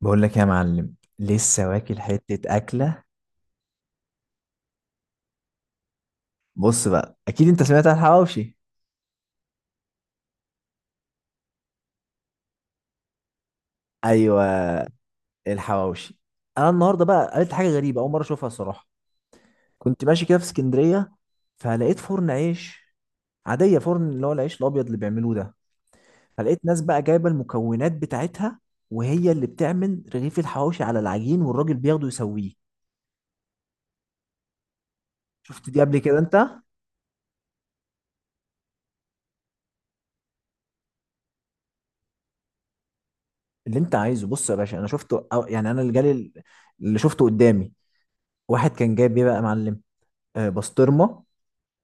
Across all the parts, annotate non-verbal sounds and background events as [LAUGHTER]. بقول لك يا معلم لسه واكل حتة أكلة. بص بقى أكيد أنت سمعت عن الحواوشي. أيوه الحواوشي. أنا النهاردة بقى قلت حاجة غريبة أول مرة أشوفها الصراحة. كنت ماشي كده في اسكندرية، فلقيت فرن عيش عادية، فرن اللي هو العيش الأبيض اللي بيعملوه ده. فلقيت ناس بقى جايبة المكونات بتاعتها، وهي اللي بتعمل رغيف الحواوشي على العجين والراجل بياخده يسويه. شفت دي قبل كده أنت؟ اللي أنت عايزه، بص يا باشا، يعني أنا اللي جالي، اللي شفته قدامي، واحد كان جايب إيه بقى يا معلم؟ بسطرمه.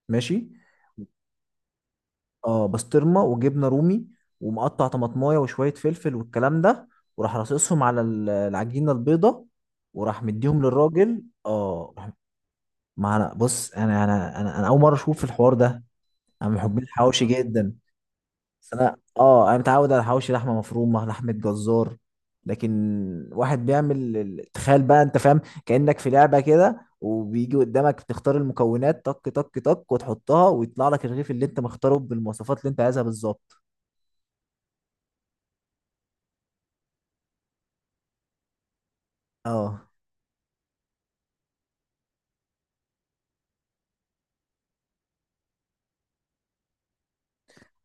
ماشي. اه بسطرمه وجبنه رومي، ومقطع طماطمايه وشويه فلفل والكلام ده. وراح راصصهم على العجينه البيضه، وراح مديهم للراجل. اه ما انا بص أنا اول مره اشوف الحوار ده. انا من محبين الحواوشي جدا. بس انا اه انا متعود على حواوشي لحمه مفرومه، لحمه جزار. لكن واحد بيعمل تخيل بقى انت، فاهم كانك في لعبه كده، وبيجي قدامك تختار المكونات، طك طك طك، وتحطها ويطلع لك الرغيف اللي انت مختاره بالمواصفات اللي انت عايزها بالظبط. اه.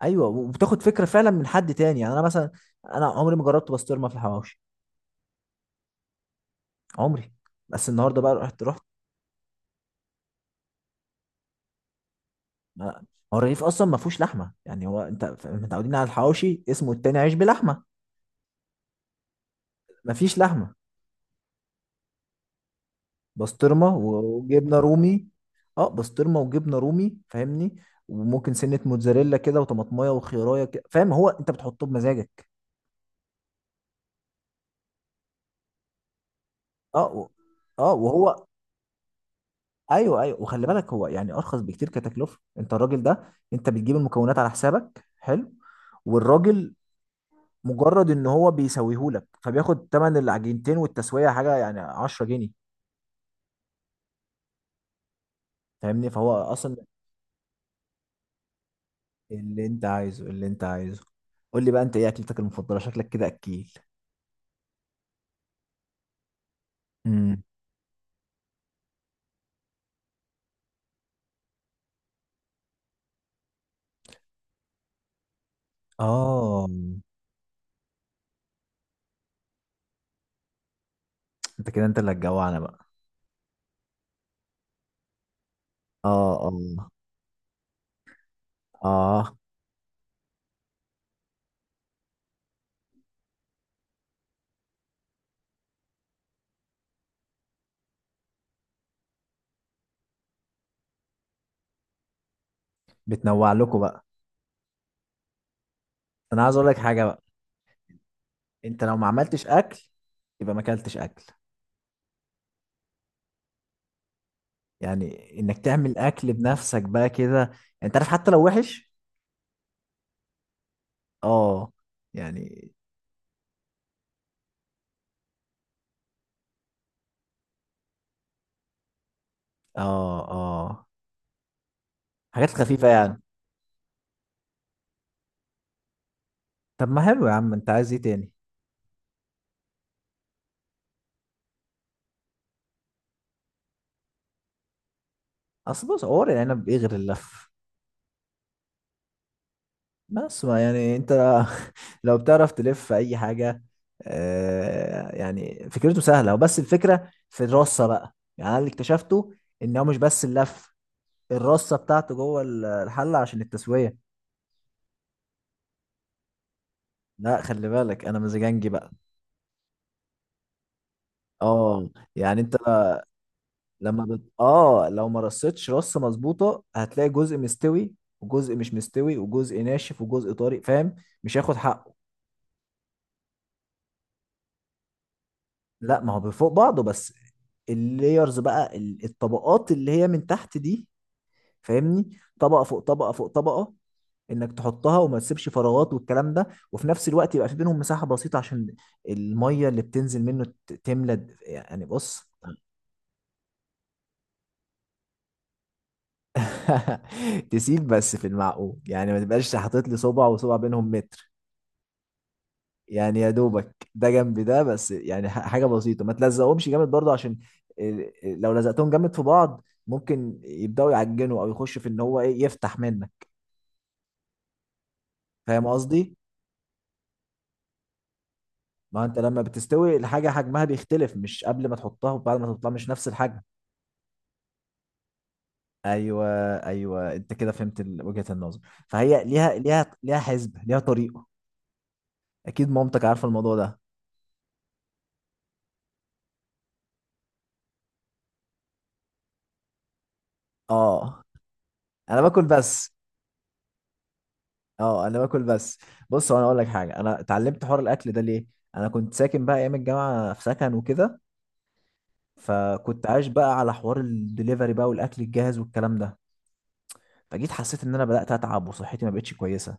ايوه وبتاخد فكره فعلا من حد تاني، يعني انا مثلا انا عمري ما جربت بسطرمه في الحواوشي. عمري. بس النهارده بقى رحت رحت. ما- هو الرغيف اصلا ما فيهوش لحمه، يعني هو انت متعودين على الحواوشي، اسمه التاني عيش بلحمه. ما فيش لحمه. بسطرمه وجبنه رومي. اه بسطرمه وجبنه رومي، فاهمني؟ وممكن سنه موتزاريلا كده، وطماطمايه وخيرايه كده، فاهم؟ هو انت بتحطه بمزاجك. اه و... اه وهو. ايوه ايوه، وخلي بالك هو يعني ارخص بكتير كتكلفه، انت الراجل ده انت بتجيب المكونات على حسابك، حلو. والراجل مجرد ان هو بيسويهولك، فبياخد تمن العجينتين والتسويه حاجه يعني 10 جنيه. فاهمني؟ فهو اصلا. اللي انت عايزه، اللي انت عايزه. قول لي بقى انت ايه اكلتك المفضله، شكلك كده اكيل. اه. انت كده انت اللي هتجوعنا بقى. اه اه. اه. بتنوع لكم بقى. انا عايز اقول لك حاجه بقى. انت لو ما عملتش اكل يبقى ما اكلتش اكل. يعني انك تعمل اكل بنفسك بقى كده، انت عارف حتى لو وحش. اه. يعني. اه اه. حاجات خفيفه يعني. طب ما حلو يا عم، انت عايز ايه تاني؟ اصل بص ورق العنب ايه غير اللف؟ بس ما يعني انت [LAUGHS] لو بتعرف تلف في اي حاجه. يعني فكرته سهله، وبس الفكره في الرصه بقى، يعني انا اللي اكتشفته ان هو مش بس اللف، الرصه بتاعته جوه الحله عشان التسويه. لا خلي بالك انا مزاجنجي بقى. اه. يعني انت اه لو ما رصتش رصه مظبوطه، هتلاقي جزء مستوي وجزء مش مستوي، وجزء ناشف وجزء طري، فاهم؟ مش هياخد حقه. لا ما هو بفوق بعضه بس، اللييرز بقى، الطبقات اللي هي من تحت دي، فاهمني؟ طبقة فوق طبقة فوق طبقة، انك تحطها وما تسيبش فراغات والكلام ده. وفي نفس الوقت يبقى في بينهم مساحة بسيطة عشان المية اللي بتنزل منه تملى يعني بص [LAUGHS] تسيب بس في المعقول، يعني ما تبقاش حاطط لي صبع وصبع بينهم متر. يعني يا دوبك ده جنب ده، بس يعني حاجه بسيطه، ما تلزقهمش جامد برضه عشان لو لزقتهم جامد في بعض ممكن يبداوا يعجنوا، او يخش في ان هو ايه يفتح منك. فاهم قصدي؟ ما انت لما بتستوي الحاجه حجمها بيختلف، مش قبل ما تحطها وبعد ما تحطها مش نفس الحجم. ايوه ايوه انت كده فهمت وجهه النظر. فهي ليها ليها حسبه، ليها طريقه. اكيد مامتك عارفه الموضوع ده. اه انا باكل بس. اه انا باكل بس. بص هو انا اقول لك حاجه، انا اتعلمت حوار الاكل ده ليه. انا كنت ساكن بقى ايام الجامعه في سكن وكده، فكنت عايش بقى على حوار الدليفري بقى والاكل الجاهز والكلام ده. فجيت حسيت ان انا بدات اتعب وصحتي ما بقتش كويسه،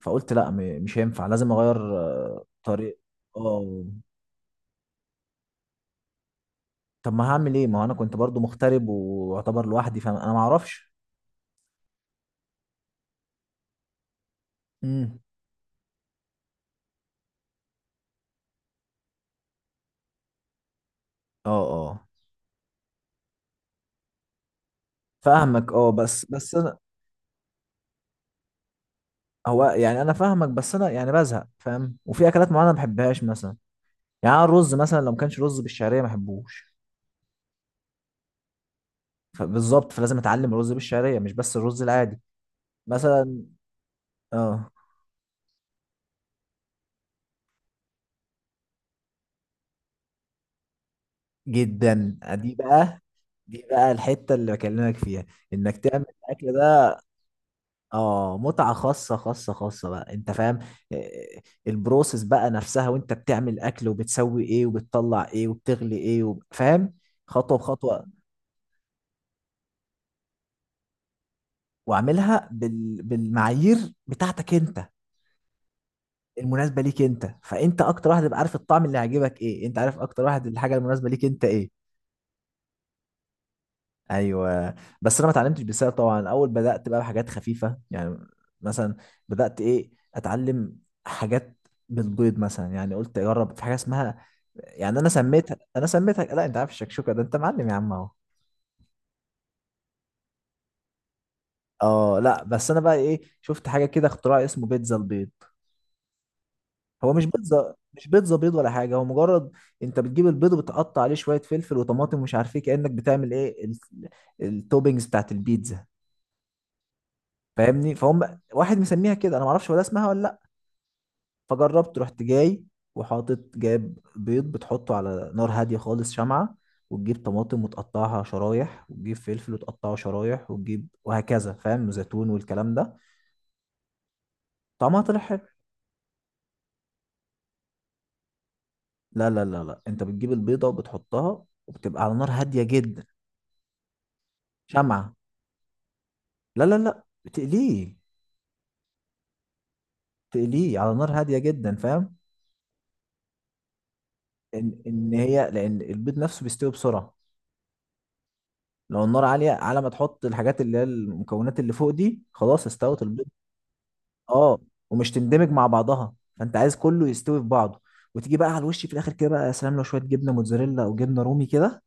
فقلت لا مش هينفع لازم اغير طريق. اه طب ما هعمل ايه، ما هو انا كنت برضو مغترب واعتبر لوحدي، فانا ما اعرفش. امم. اه اه. فاهمك. اه بس بس انا. هو يعني انا فاهمك، بس انا يعني بزهق، فاهم؟ وفي اكلات معينه ما بحبهاش مثلا، يعني أنا الرز مثلا لو ما كانش رز بالشعريه ما احبوش. فبالظبط، فلازم اتعلم الرز بالشعريه مش بس الرز العادي. مثلا. اه. جدا دي بقى. دي بقى الحته اللي بكلمك فيها، انك تعمل الاكل ده. اه متعه خاصه بقى، انت فاهم؟ آه، البروسيس بقى نفسها، وانت بتعمل اكل وبتسوي ايه وبتطلع ايه وبتغلي ايه فاهم؟ خطوه بخطوه. واعملها بالمعايير بتاعتك انت، المناسبه ليك. انت فانت اكتر واحد تبقى عارف الطعم اللي هيعجبك ايه، انت عارف اكتر واحد الحاجه المناسبه ليك انت ايه. ايوه. بس انا ما اتعلمتش بسهل طبعا، اول بدات بقى بحاجات خفيفه يعني. مثلا بدات ايه اتعلم حاجات بالبيض مثلا، يعني قلت اجرب في حاجه اسمها، يعني انا سميتها لا انت عارف الشكشوكه، ده انت معلم يا عم اهو. اه لا بس انا بقى ايه، شفت حاجه كده اختراع اسمه بيتزا البيض. هو مش بيتزا، مش بيتزا بيض ولا حاجه، هو مجرد انت بتجيب البيض وبتقطع عليه شويه فلفل وطماطم ومش عارف ايه، كانك بتعمل ايه التوبينجز بتاعت البيتزا، فاهمني؟ فهم واحد مسميها كده، انا ما اعرفش ولا اسمها ولا لا. فجربت، رحت جاي وحاطط جايب بيض بتحطه على نار هاديه خالص شمعه. وتجيب طماطم وتقطعها شرايح، وتجيب فلفل وتقطعه شرايح، وتجيب وهكذا فاهم، وزيتون والكلام ده. طعمها طلع حلو. لا لا انت بتجيب البيضه وبتحطها وبتبقى على نار هاديه جدا. شمعة. لا تقليه. تقليه على نار هاديه جدا فاهم؟ ان هي لان البيض نفسه بيستوي بسرعه، لو النار عاليه على ما تحط الحاجات اللي هي المكونات اللي فوق دي خلاص استوت البيض. اه ومش تندمج مع بعضها، فانت عايز كله يستوي في بعضه، وتيجي بقى على الوش في الاخر كده بقى، يا سلام لو شويه جبنه موتزاريلا او جبنه رومي كده.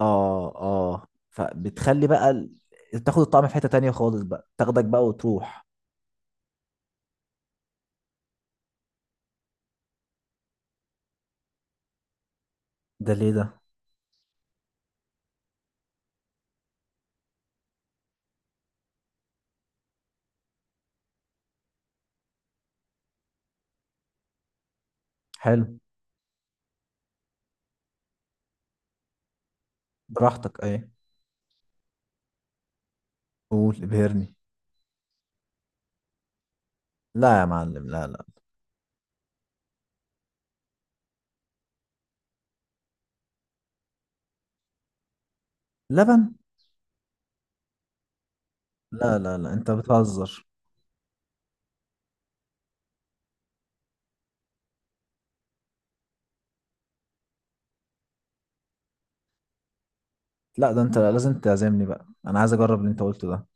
اه اه فبتخلي بقى تاخد الطعم في حته تانيه خالص بقى، تاخدك بقى وتروح. ده ليه ده؟ حلو. براحتك ايه. قول ابهرني. لا يا معلم، لا. لبن. لا انت بتهزر. لا ده انت لازم تعزمني بقى، انا عايز اجرب اللي انت قلته ده.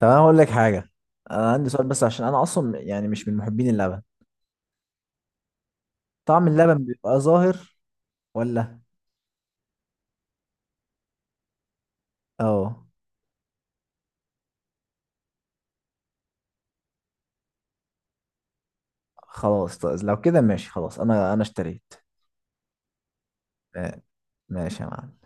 طب انا هقول لك حاجه، انا عندي سؤال بس، عشان انا اصلا يعني مش من محبين اللبن. طعم اللبن بيبقى ظاهر ولا؟ اه خلاص طيب لو كده ماشي خلاص، انا انا اشتريت. آه، ماشي يا معلم.